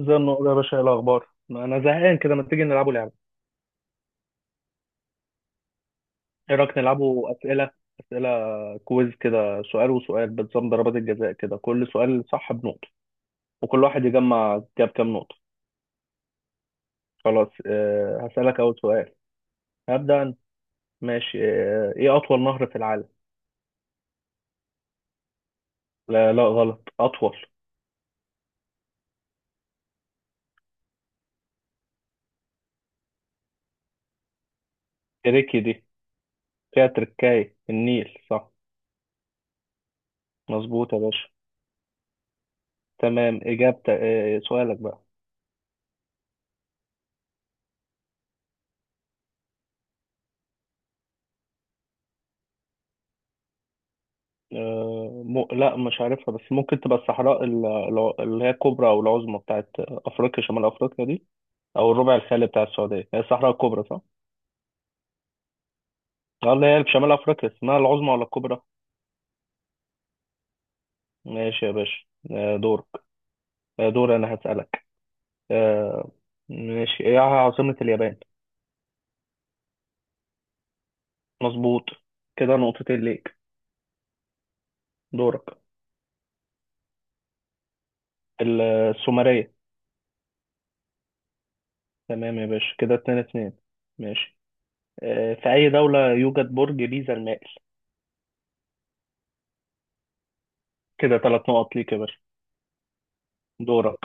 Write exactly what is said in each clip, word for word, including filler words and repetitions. زي النقطة يا باشا إيه الأخبار؟ أنا زهقان كده ما تيجي نلعبوا لعبة، إيه رأيك نلعبوا أسئلة أسئلة كويز كده سؤال وسؤال بنظام ضربات الجزاء كده كل سؤال صح بنقطة وكل واحد يجمع جاب كام نقطة. خلاص أه هسألك أول سؤال. هبدأ أنا. ماشي. أه إيه أطول نهر في العالم؟ لا لا غلط أطول. تريكي دي فيها تركاية النيل صح. مظبوط يا باشا. تمام إجابتك. أه سؤالك بقى. آه، م... لا مش عارفها بس ممكن تبقى الصحراء ال- الع- اللي هي الكبرى او العظمى بتاعت افريقيا شمال افريقيا دي. او الربع الخالي بتاع السعوديه هي الصحراء الكبرى صح؟ اه اللي هي في شمال افريقيا اسمها العظمى ولا الكبرى؟ ماشي يا باشا. آه، دورك. آه، دور انا هسألك. آه، ماشي. ايه عاصمة اليابان؟ مظبوط. كده نقطتين ليك. دورك. ال- السومرية. تمام يا باشا كده اتنين اتنين. ماشي. آه، في أي دولة يوجد برج بيزا المائل؟ كده تلات نقط ليك يا باشا. دورك.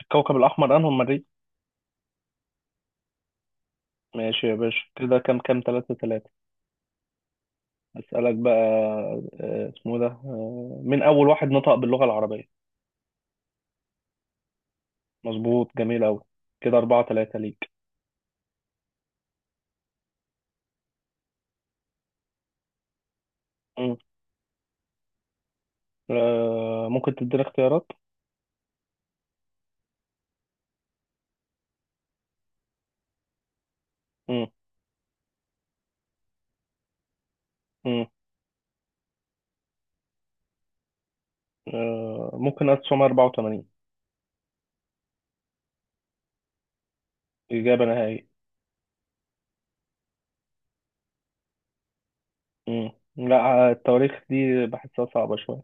الكوكب الأحمر أنهم مريء. ماشي يا باشا كده كام كام تلاتة تلاتة. أسألك بقى. آه، اسمه ده آه، مين أول واحد نطق باللغة العربية؟ مظبوط جميل أوي. كده أربعة تلاتة ليك. مم. آه، ممكن تديني اختيارات. مم. مم. آه، ممكن ألف وتسعمية وأربعة وتمانين. إجابة نهائية. مم. لا. آه، التواريخ دي بحسها صعبة شوية.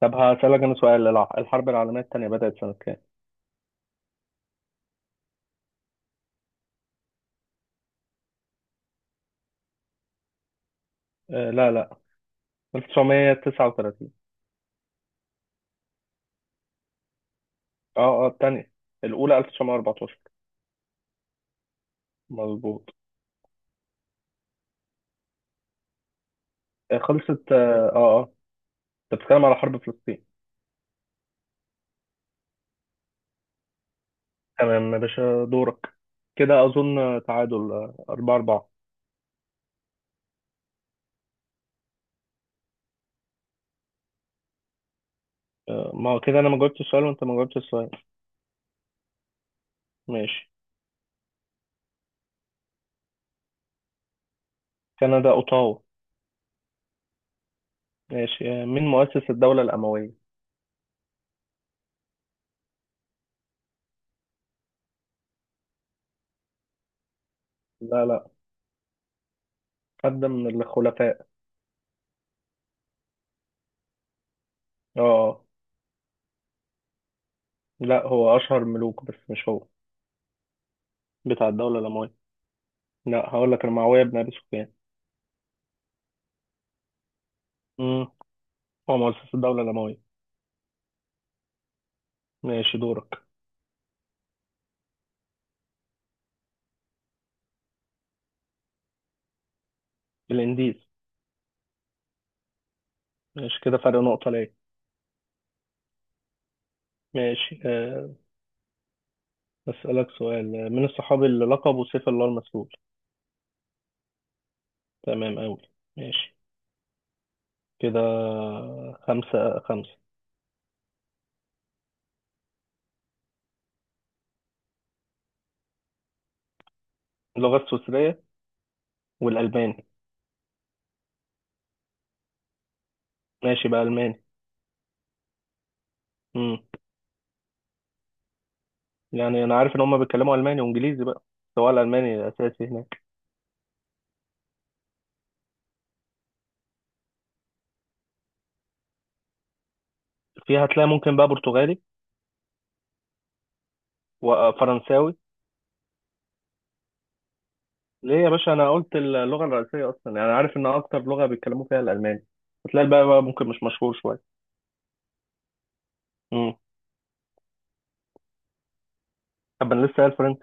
طب هسألك أنا سؤال. الع- الحرب العالمية التانية بدأت سنة كام؟ آه، لا لا ألف وتسعمائة وتسعة وثلاثين. اه اه التانية. الأولى ألف وتسعمية وأربعتاشر. مظبوط. آه، خلصت اه اه آه. انت بتتكلم على حرب فلسطين. تمام يا باشا. دورك. كده اظن آه، تعادل آه، أربعة أربعة. آه، ما هو كده انا ما جاوبتش السؤال وانت ما جاوبتش السؤال. ماشي. كندا اوتاوا. ماشي. آه، مين مؤسس الدولة الأموية؟ لا لا. حد من الخلفاء. اه آه. لا هو اشهر ملوك بس مش هو بتاع الدولة الأموية. لا هقول لك المعاوية بن ابي سفيان. امم هو مؤسس الدولة الأموية. ماشي دورك. الإنديز. ماشي كده فرق نقطة ليه. ماشي. آه، أسألك سؤال. من الصحابي اللي لقبه سيف الله المسلول؟ تمام أوي. ماشي. كده خمسة خمسة. اللغة السويسرية والألماني. ماشي بقى ألماني. مم. يعني أنا عارف إن هما بيتكلموا ألماني وإنجليزي بقى، سواء الألماني أساسي هناك. فيها هتلاقي ممكن بقى برتغالي وفرنساوي. ليه يا باشا أنا قلت اللغة الرئيسية أصلا، يعني عارف إن أكتر لغة بيتكلموا فيها الألماني. هتلاقي بقى, بقى ممكن مش مشهور شوية. مم. طب أنا لسه قايل فرنسي.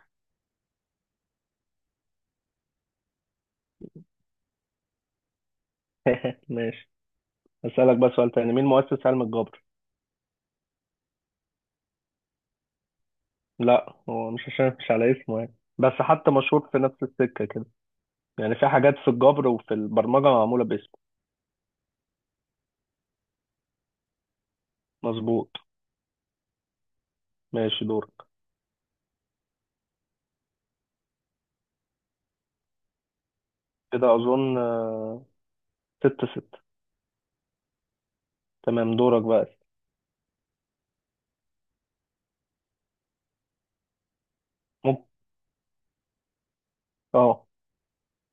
ماشي. أسألك بقى سؤال تاني. مين مؤسس علم الجبر؟ لا هو مش عشان مش على اسمه يعني، بس حتى مشهور في نفس السكة كده. يعني في حاجات في الجبر وفي البرمجة معمولة باسمه. مظبوط. ماشي دورك. كده أظن آه، ستة ستة. تمام دورك بقى. ممكن. اه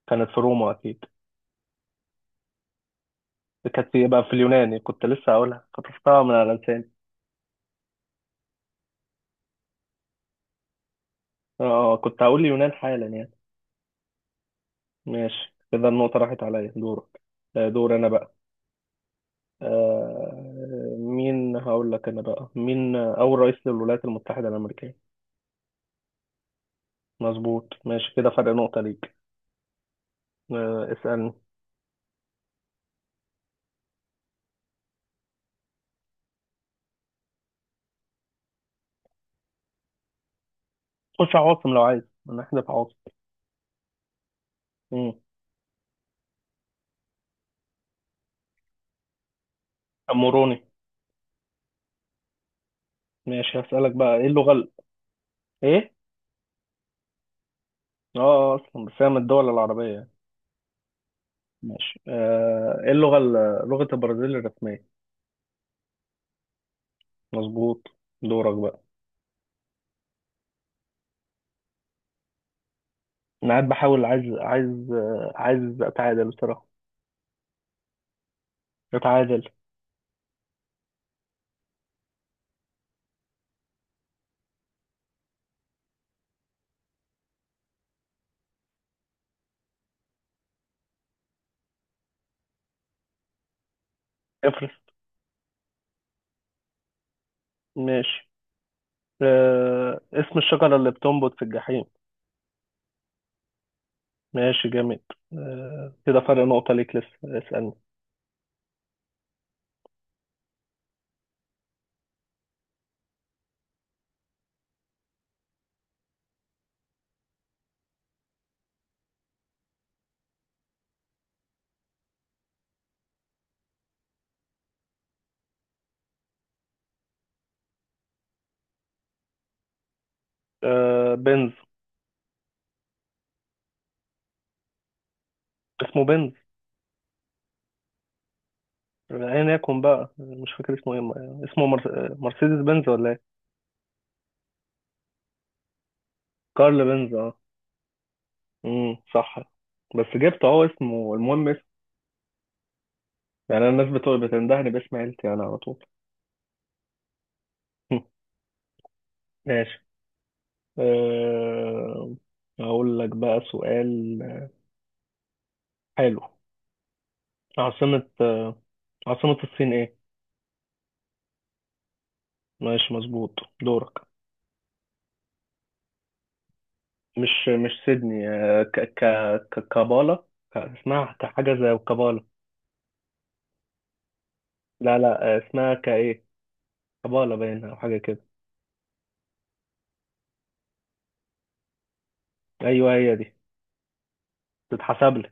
كانت في روما أكيد. كانت في- بقى في اليوناني، كنت لسه هقولها. خطفتها من على لساني. اه آه، كنت هقول اليونان حالا يعني. ماشي كده النقطة راحت عليا. دورك. آه، دور أنا بقى. آه، مين هقول لك أنا بقى؟ مين آه، أول رئيس للولايات المتحدة الأمريكية؟ مظبوط. ماشي كده فرق نقطة ليك. آه، اسألني. خش على عواصم لو عايز نحذف عواصم. مم. أموروني. ماشي هسألك بقى. إيه اللغة ال... إيه؟ آه آه، أصلا بس هي من الدول العربية يعني. ماشي. آه، إيه اللغة ال... لغة البرازيل الرسمية؟ مظبوط. دورك بقى. أنا قاعد بحاول، عايز عايز آه، عايز أتعادل بصراحة. أتعادل. افرس. ماشي. آه، اسم الشجرة اللي بتنبت في الجحيم. ماشي جامد. آه، كده فرق نقطة ليك لسه. اسألني. آه، بنز. اسمه بنز. ايا يكن بقى مش فاكر اسمه ايه. اسمه مر... مرسيدس بنز ولا ايه. كارل بنز، اه. امم صح. بس جبت اهو اسمه، المهم اسمه. يعني انا الناس بتقول بتندهني باسم عيلتي انا على طول. ماشي. أه... اقول لك بقى سؤال. حلو. عاصمة آه، عاصمة الصين ايه؟ ماشي مظبوط. دورك. مش مش سيدني. آه، ك ك ك- كابالا. ك- اسمها حاجة زي كابالا. لا لا. آه، اسمها كايه كابالا باين او حاجة كده. ايوه هي دي. تتحسب لي.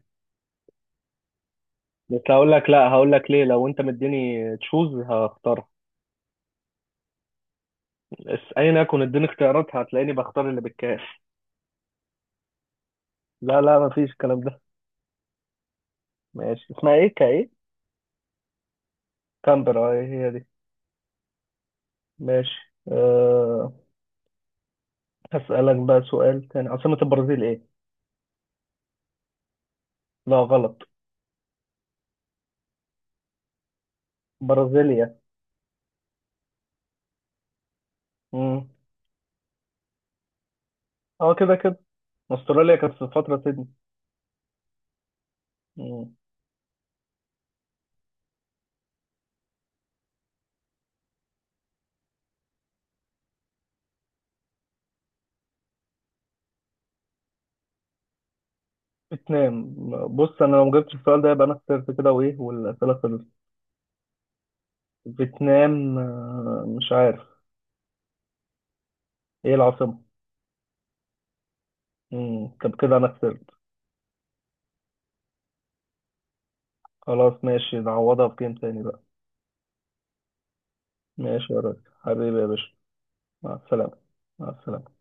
بس هقول لك، لا هقول لك ليه، لو انت مديني تشوز هختارها. اس- ايا يكن اديني اختيارات هتلاقيني بختار اللي بالكاف. لا لا مفيش الكلام ده. ماشي اسمها ايه؟ كايه. كامبرا؟ ايه هي دي. ماشي. أه... هسألك بقى سؤال تاني. عاصمة البرازيل ايه؟ لا غلط. برازيليا. مم. اه كده كده. استراليا كانت في فترة سيدني. مم. فيتنام. بص انا لو ما جبتش السؤال ده يبقى انا خسرت كده، وايه والاسئله خلصت. فيتنام، آه، مش عارف. ايه العاصمة؟ مم. طب كده انا خسرت. خلاص ماشي، نعوضها بجيم تاني بقى. ماشي يا راجل. حبيبي يا باشا. مع السلامة. مع السلامة.